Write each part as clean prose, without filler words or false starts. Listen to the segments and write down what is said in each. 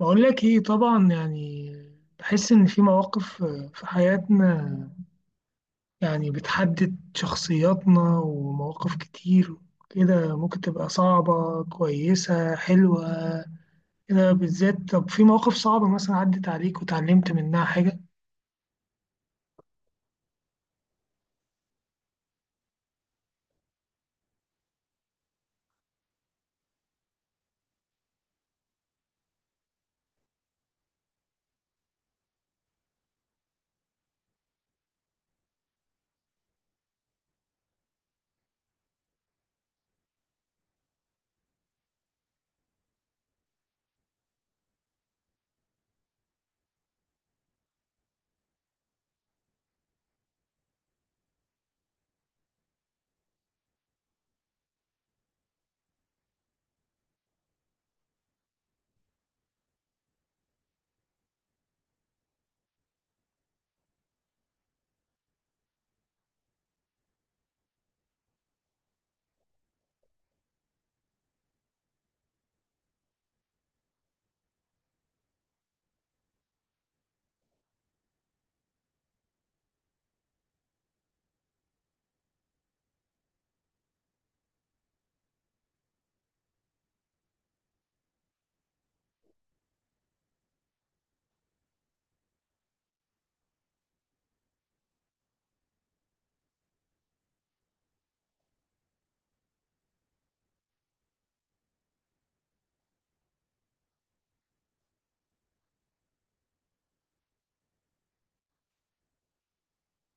بقول لك ايه طبعا يعني بحس ان في مواقف في حياتنا يعني بتحدد شخصياتنا ومواقف كتير كده ممكن تبقى صعبة كويسة حلوة كده بالذات. طب في مواقف صعبة مثلا عدت عليك وتعلمت منها حاجة؟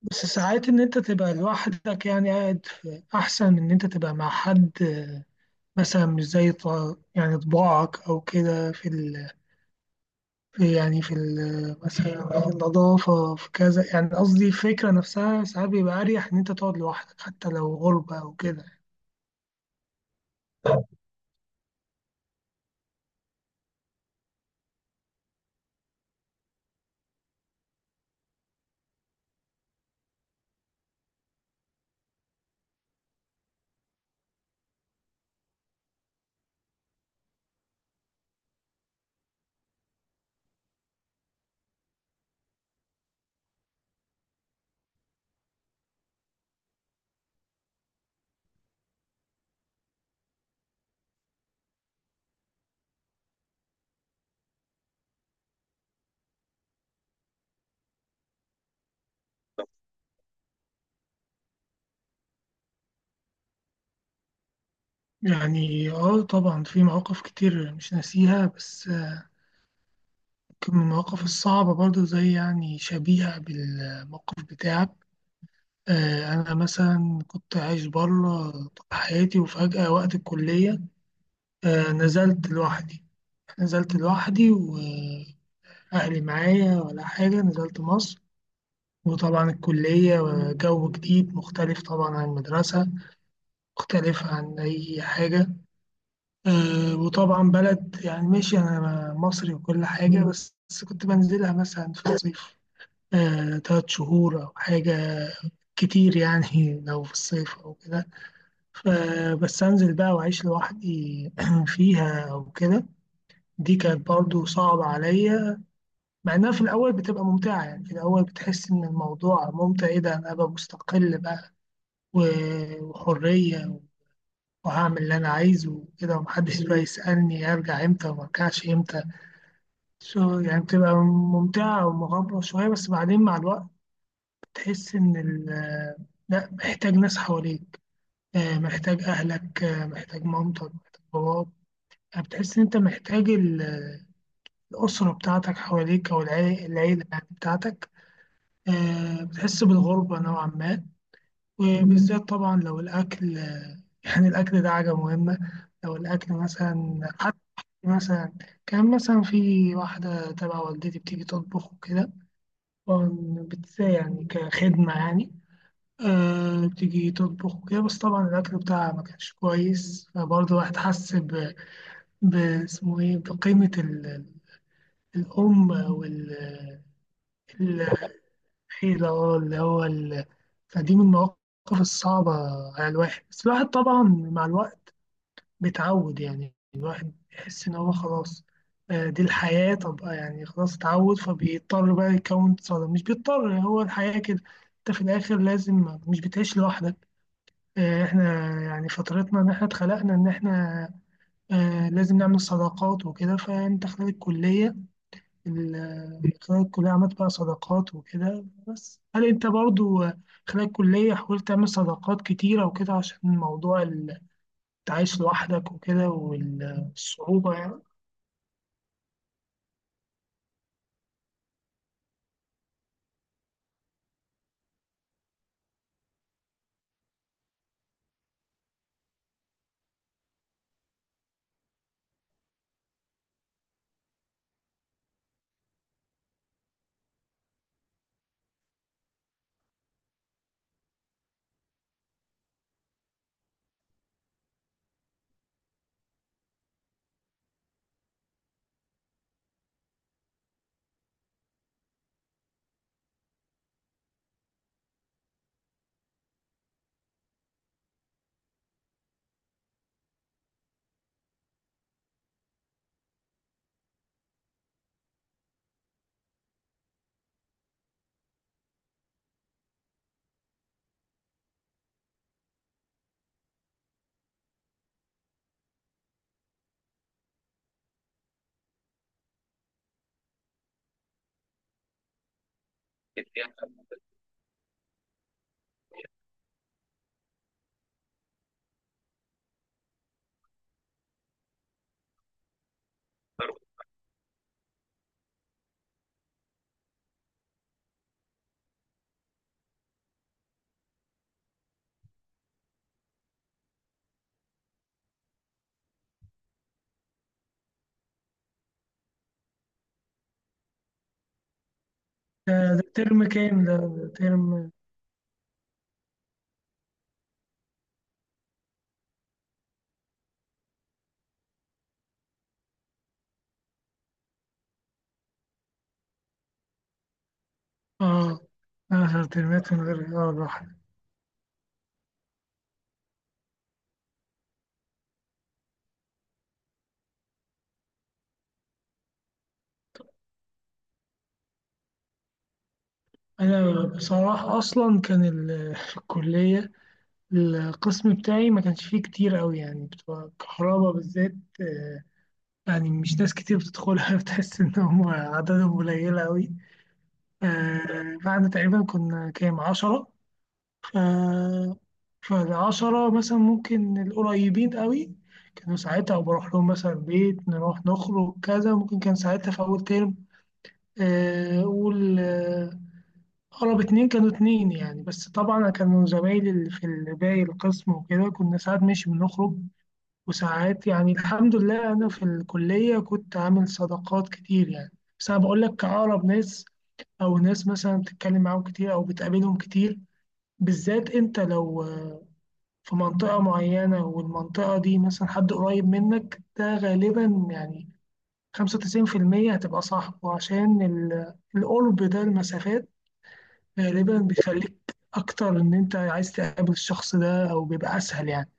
بس ساعات ان انت تبقى لوحدك يعني قاعد في احسن من ان انت تبقى مع حد آه، مثلا مش زي يعني طباعك او كده في ال في يعني مثلا في النظافة في كذا، يعني قصدي الفكرة نفسها ساعات بيبقى أريح إن أنت تقعد لوحدك حتى لو غربة أو كده. يعني اه طبعا في مواقف كتير مش ناسيها، بس يمكن من المواقف الصعبة برضو زي يعني شبيهة بالموقف بتاعك. آه، أنا مثلا كنت عايش بره طول حياتي وفجأة وقت الكلية آه، نزلت لوحدي وأهلي معايا ولا حاجة، نزلت مصر وطبعا الكلية جو جديد مختلف طبعا عن المدرسة، مختلف عن أي حاجة. آه، وطبعا بلد يعني ماشي أنا مصري وكل حاجة، بس كنت بنزلها مثلا في الصيف آه، تلات شهور أو حاجة كتير يعني لو في الصيف أو كده. فبس أنزل بقى وأعيش لوحدي فيها أو كده. دي كانت برضو صعبة عليا، مع إنها في الأول بتبقى ممتعة. يعني في الأول بتحس إن الموضوع ممتع، إيه ده أنا أبقى مستقل بقى، وحرية، وهعمل اللي أنا عايزه وكده ومحدش بقى يسألني أرجع إمتى وما أرجعش إمتى. سو يعني بتبقى ممتعة ومغامرة شوية، بس بعدين مع الوقت بتحس إن لأ محتاج ناس حواليك، آه، محتاج أهلك، آه، محتاج مامتك، محتاج باباك. يعني بتحس إن أنت محتاج الأسرة بتاعتك حواليك أو العيلة يعني بتاعتك. آه، بتحس بالغربة نوعا ما، وبالذات طبعا لو الأكل. يعني الأكل ده حاجة مهمة. لو الأكل مثلا حتى مثلا كان مثلا في واحدة تبع والدتي بتيجي تطبخ وكده، طبعاً يعني كخدمة يعني، آه بتيجي تطبخ وكده، بس طبعا الأكل بتاعها ما كانش كويس، فبرضه الواحد حس ب- اسمه إيه بقيمة الأم أو ال- الحيلة أه، اللي هو ال-. فدي من المواقف الصعبة على الواحد، بس الواحد طبعا مع الوقت بتعود، يعني الواحد يحس إن هو خلاص آه، دي الحياة. طب آه، يعني خلاص اتعود فبيضطر بقى يكون صداقة، مش بيضطر يعني هو الحياة كده. أنت في الآخر لازم مش بتعيش لوحدك. آه، إحنا يعني فترتنا إن إحنا اتخلقنا إن إحنا آه، لازم نعمل صداقات وكده. فأنت خلال الكلية خلال الكلية عملت بقى صداقات وكده، بس هل أنت برضو آه، خلال الكلية حاولت تعمل صداقات كتيرة وكده عشان موضوع عايش لوحدك وكده والصعوبة يعني؟ ده ترم كام، ده ترم؟ اه، آخر ترمات من غير اه لوحدي. أنا بصراحة أصلا كان ال- في الكلية القسم بتاعي ما كانش فيه كتير أوي، يعني بتوع الكهرباء بالذات آه، يعني مش ناس كتير بتدخلها بتحس إن هم عددهم قليلة أوي. آه، بعد تقريبا كنا كام عشرة، آه. فالعشرة مثلا ممكن القريبين قوي كانوا ساعتها بروح لهم مثلا بيت، نروح نخرج كذا. ممكن كان ساعتها في أول ترم، آه، أقول آه، أقرب اتنين كانوا اتنين يعني. بس طبعا كانوا زمايلي اللي في باقي القسم وكده كنا ساعات ماشي بنخرج، وساعات يعني الحمد لله أنا في الكلية كنت عامل صداقات كتير يعني. بس أنا بقول لك أقرب ناس أو ناس مثلا بتتكلم معاهم كتير أو بتقابلهم كتير، بالذات أنت لو في منطقة معينة والمنطقة دي مثلا حد قريب منك، ده غالبا يعني 95% هتبقى صاحبه عشان القرب ده، المسافات غالبا بيخليك أكتر إن أنت عايز تقابل الشخص ده أو بيبقى أسهل، يعني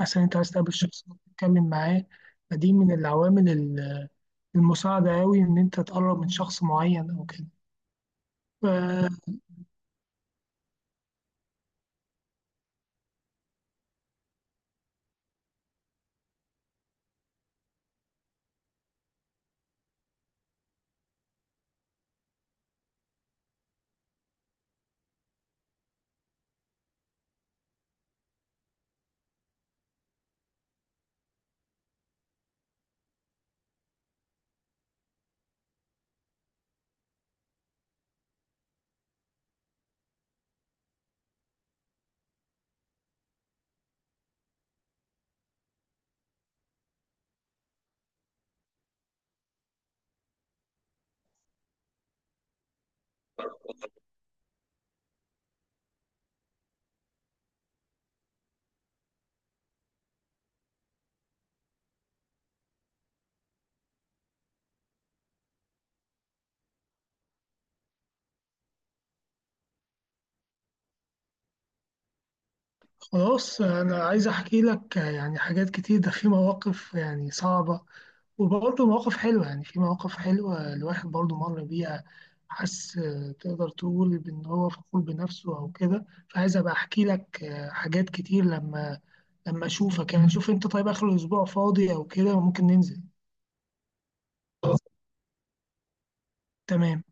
أسهل أنت عايز تقابل الشخص ده تتكلم معاه. فدي من العوامل المساعدة أوي إن أنت تقرب من شخص معين أو كده. ف- خلاص أنا عايز أحكي لك يعني حاجات كتير، ده في مواقف يعني صعبة وبرضه مواقف حلوة. يعني في مواقف حلوة الواحد برضه مر بيها، حس آه، تقدر تقول بإن هو فخور بنفسه أو كده. فعايز أبقى أحكي لك آه، حاجات كتير لما لما أشوفك. يعني شوف أنت طيب آخر الأسبوع فاضي أو كده وممكن ننزل؟ تمام.